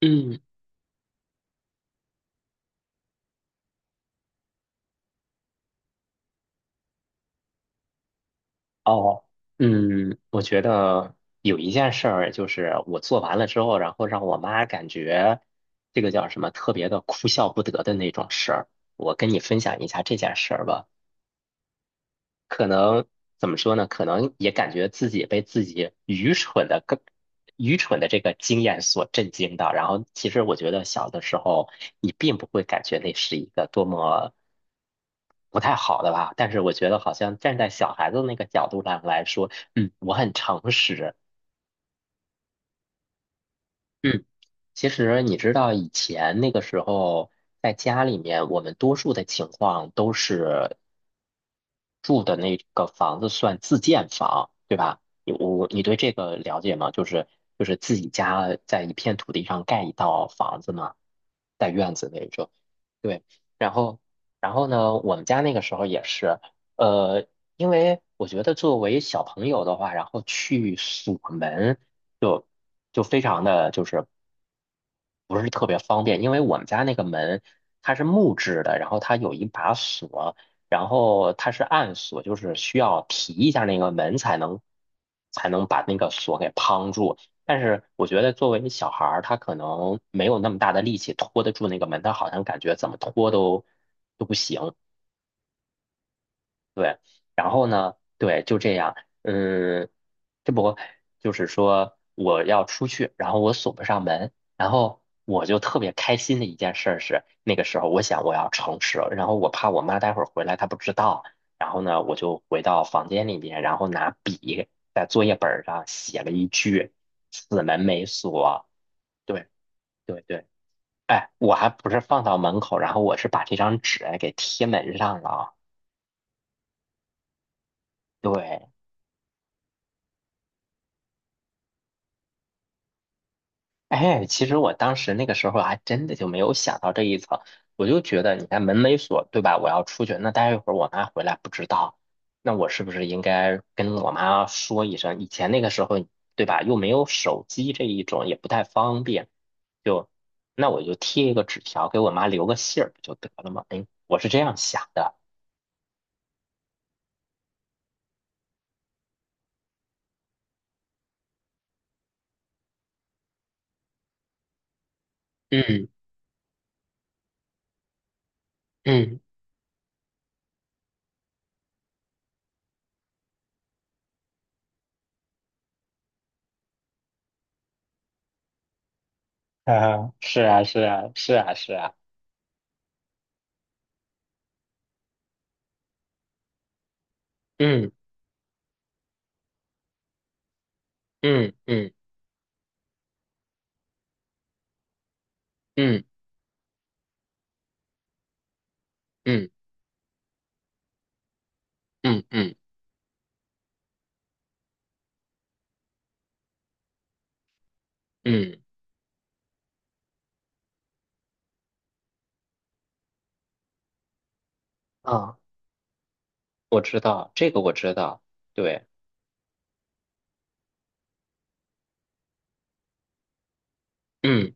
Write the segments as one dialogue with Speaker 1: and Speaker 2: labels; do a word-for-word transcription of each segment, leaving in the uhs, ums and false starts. Speaker 1: 嗯，哦，嗯，我觉得有一件事儿，就是我做完了之后，然后让我妈感觉这个叫什么特别的哭笑不得的那种事儿，我跟你分享一下这件事儿吧。可能怎么说呢？可能也感觉自己被自己愚蠢的更愚蠢的这个经验所震惊到。然后，其实我觉得小的时候，你并不会感觉那是一个多么不太好的吧，但是我觉得好像站在小孩子那个角度上来说，嗯，我很诚实。嗯，其实你知道以前那个时候在家里面，我们多数的情况都是，住的那个房子算自建房，对吧？你我你对这个了解吗？就是就是自己家在一片土地上盖一套房子嘛，带院子那种。对，然后然后呢，我们家那个时候也是，呃，因为我觉得作为小朋友的话，然后去锁门就就非常的就是，不是特别方便，因为我们家那个门它是木质的，然后它有一把锁，然后它是暗锁，就是需要提一下那个门才能才能把那个锁给夯住。但是我觉得作为小孩儿，他可能没有那么大的力气拖得住那个门，他好像感觉怎么拖都都不行。对，然后呢，对，就这样，嗯，这不就是说我要出去，然后我锁不上门，然后我就特别开心的一件事儿是，那个时候我想我要诚实，然后我怕我妈待会儿回来她不知道，然后呢，我就回到房间里面，然后拿笔在作业本儿上写了一句"此门没锁"，对对对，哎，我还不是放到门口，然后我是把这张纸给贴门上了啊，对。哎，其实我当时那个时候还真的就没有想到这一层，我就觉得你看门没锁，对吧？我要出去，那待一会儿我妈回来不知道，那我是不是应该跟我妈说一声？以前那个时候，对吧？又没有手机这一种，也不太方便，就那我就贴一个纸条给我妈留个信儿不就得了吗？哎，我是这样想的。嗯嗯啊，是啊是啊是啊是啊，嗯嗯嗯嗯嗯嗯嗯嗯嗯。我知道，这个我知道，对，嗯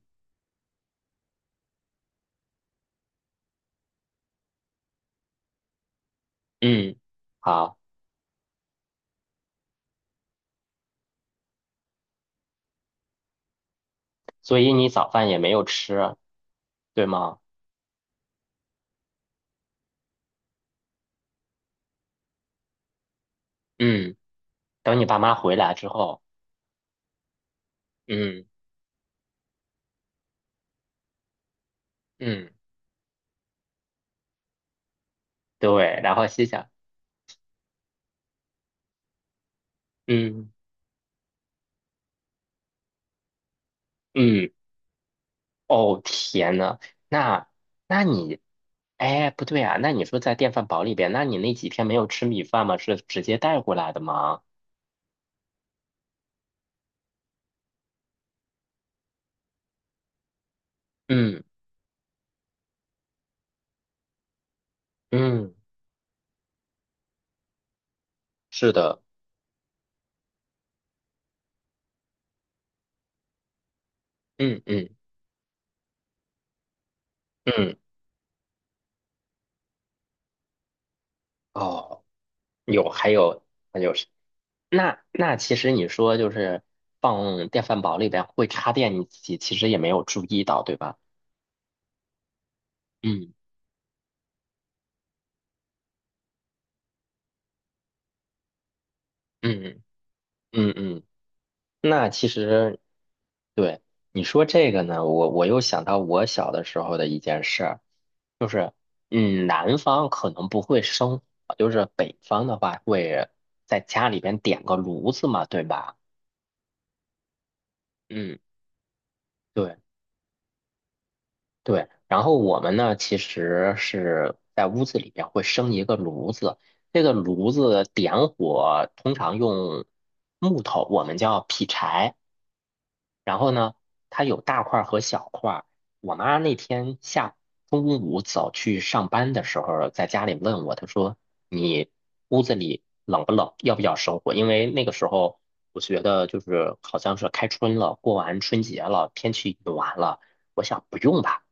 Speaker 1: 嗯好，所以你早饭也没有吃，对吗？嗯等你爸妈回来之后，嗯嗯对，然后心想，嗯嗯，哦天呐，那那你，哎，不对啊，那你说在电饭煲里边，那你那几天没有吃米饭吗？是直接带过来的吗？嗯嗯是的，嗯嗯嗯，哦，有，还有。那就是。那那其实你说就是放电饭煲里边会插电，你自己其实也没有注意到，对吧？嗯嗯嗯嗯，那其实对你说这个呢，我我又想到我小的时候的一件事儿，就是嗯，南方可能不会生火，就是北方的话会在家里边点个炉子嘛，对吧？嗯。对。对，然后我们呢，其实是在屋子里边会生一个炉子，这个炉子点火通常用木头，我们叫劈柴。然后呢，它有大块儿和小块儿。我妈那天下中午走去上班的时候，在家里问我，她说："你屋子里冷不冷？要不要生火？"因为那个时候我觉得就是好像是开春了，过完春节了，天气暖了，我想不用吧。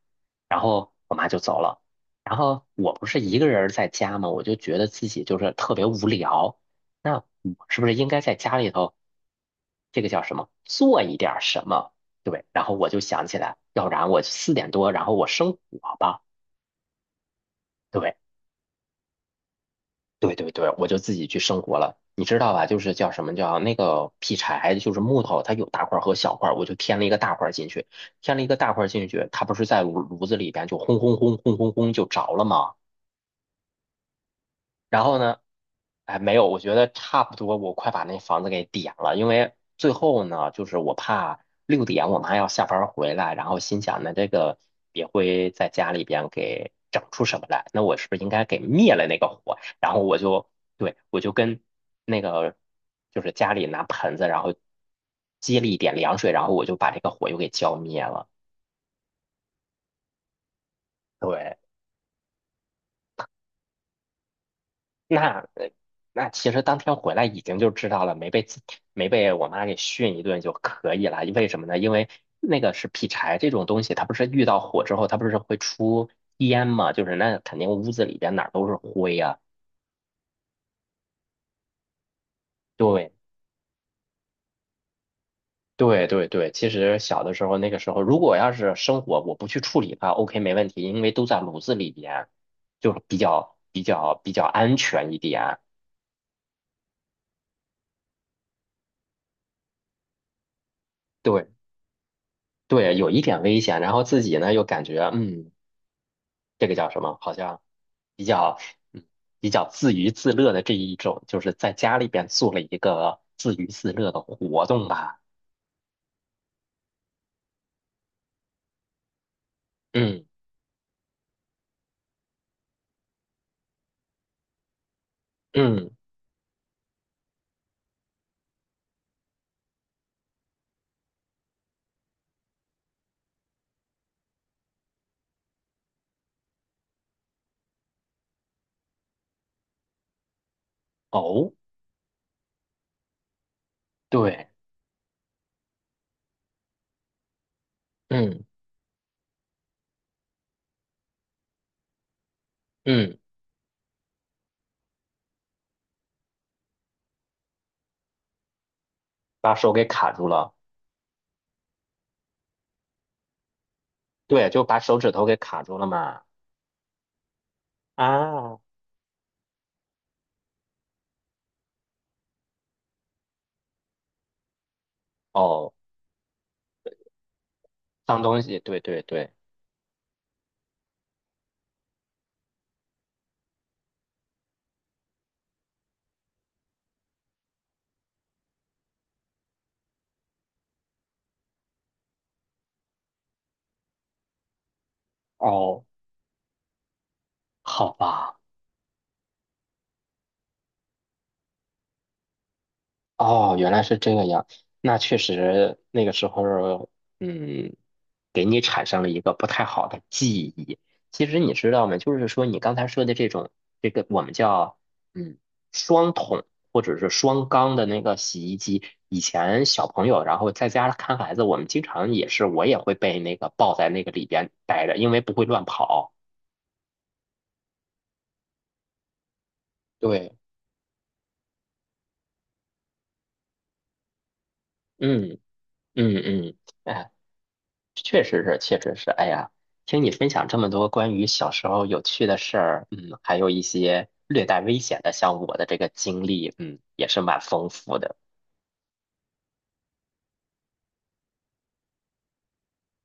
Speaker 1: 然后我妈就走了。然后我不是一个人儿在家嘛，我就觉得自己就是特别无聊。那我是不是应该在家里头，这个叫什么，做一点儿什么？对，然后我就想起来，要不然我四点多，然后我生火吧。对，对对对，我就自己去生火了。你知道吧？就是叫什么叫那个劈柴，就是木头，它有大块儿和小块儿，我就添了一个大块儿进去，添了一个大块儿进去，它不是在炉炉子里边就轰轰轰轰轰轰就着了吗？然后呢，哎，没有，我觉得差不多，我快把那房子给点了，因为最后呢，就是我怕六点我妈要下班儿回来，然后心想那这个也会在家里边给整出什么来，那我是不是应该给灭了那个火？然后我就，对，我就跟那个就是家里拿盆子，然后接了一点凉水，然后我就把这个火又给浇灭了。对，那呃那其实当天回来已经就知道了，没被自没被我妈给训一顿就可以了。为什么呢？因为那个是劈柴这种东西，它不是遇到火之后，它不是会出烟嘛？就是那肯定屋子里边哪儿都是灰呀、对对对对，其实小的时候那个时候，如果要是生火我不去处理它，OK 没问题，因为都在炉子里边，就是比较比较比较安全一点。对对，有一点危险，然后自己呢又感觉嗯这个叫什么？好像比较嗯比较自娱自乐的这一种，就是在家里边做了一个自娱自乐的活动吧。嗯嗯，哦，对，嗯嗯，把手给卡住了，对，就把手指头给卡住了嘛。啊，哦，脏东西，对对对，哦，好吧。哦，原来是这个样。那确实，那个时候，嗯，给你产生了一个不太好的记忆。其实你知道吗？就是说你刚才说的这种，这个我们叫嗯双桶或者是双缸的那个洗衣机，以前小朋友然后在家看孩子，我们经常也是，我也会被那个抱在那个里边待着，因为不会乱跑。对，嗯嗯嗯，哎。确实是，确实是。哎呀，听你分享这么多关于小时候有趣的事儿，嗯，还有一些略带危险的，像我的这个经历，嗯，也是蛮丰富的。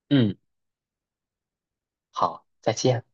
Speaker 1: 嗯，好，再见。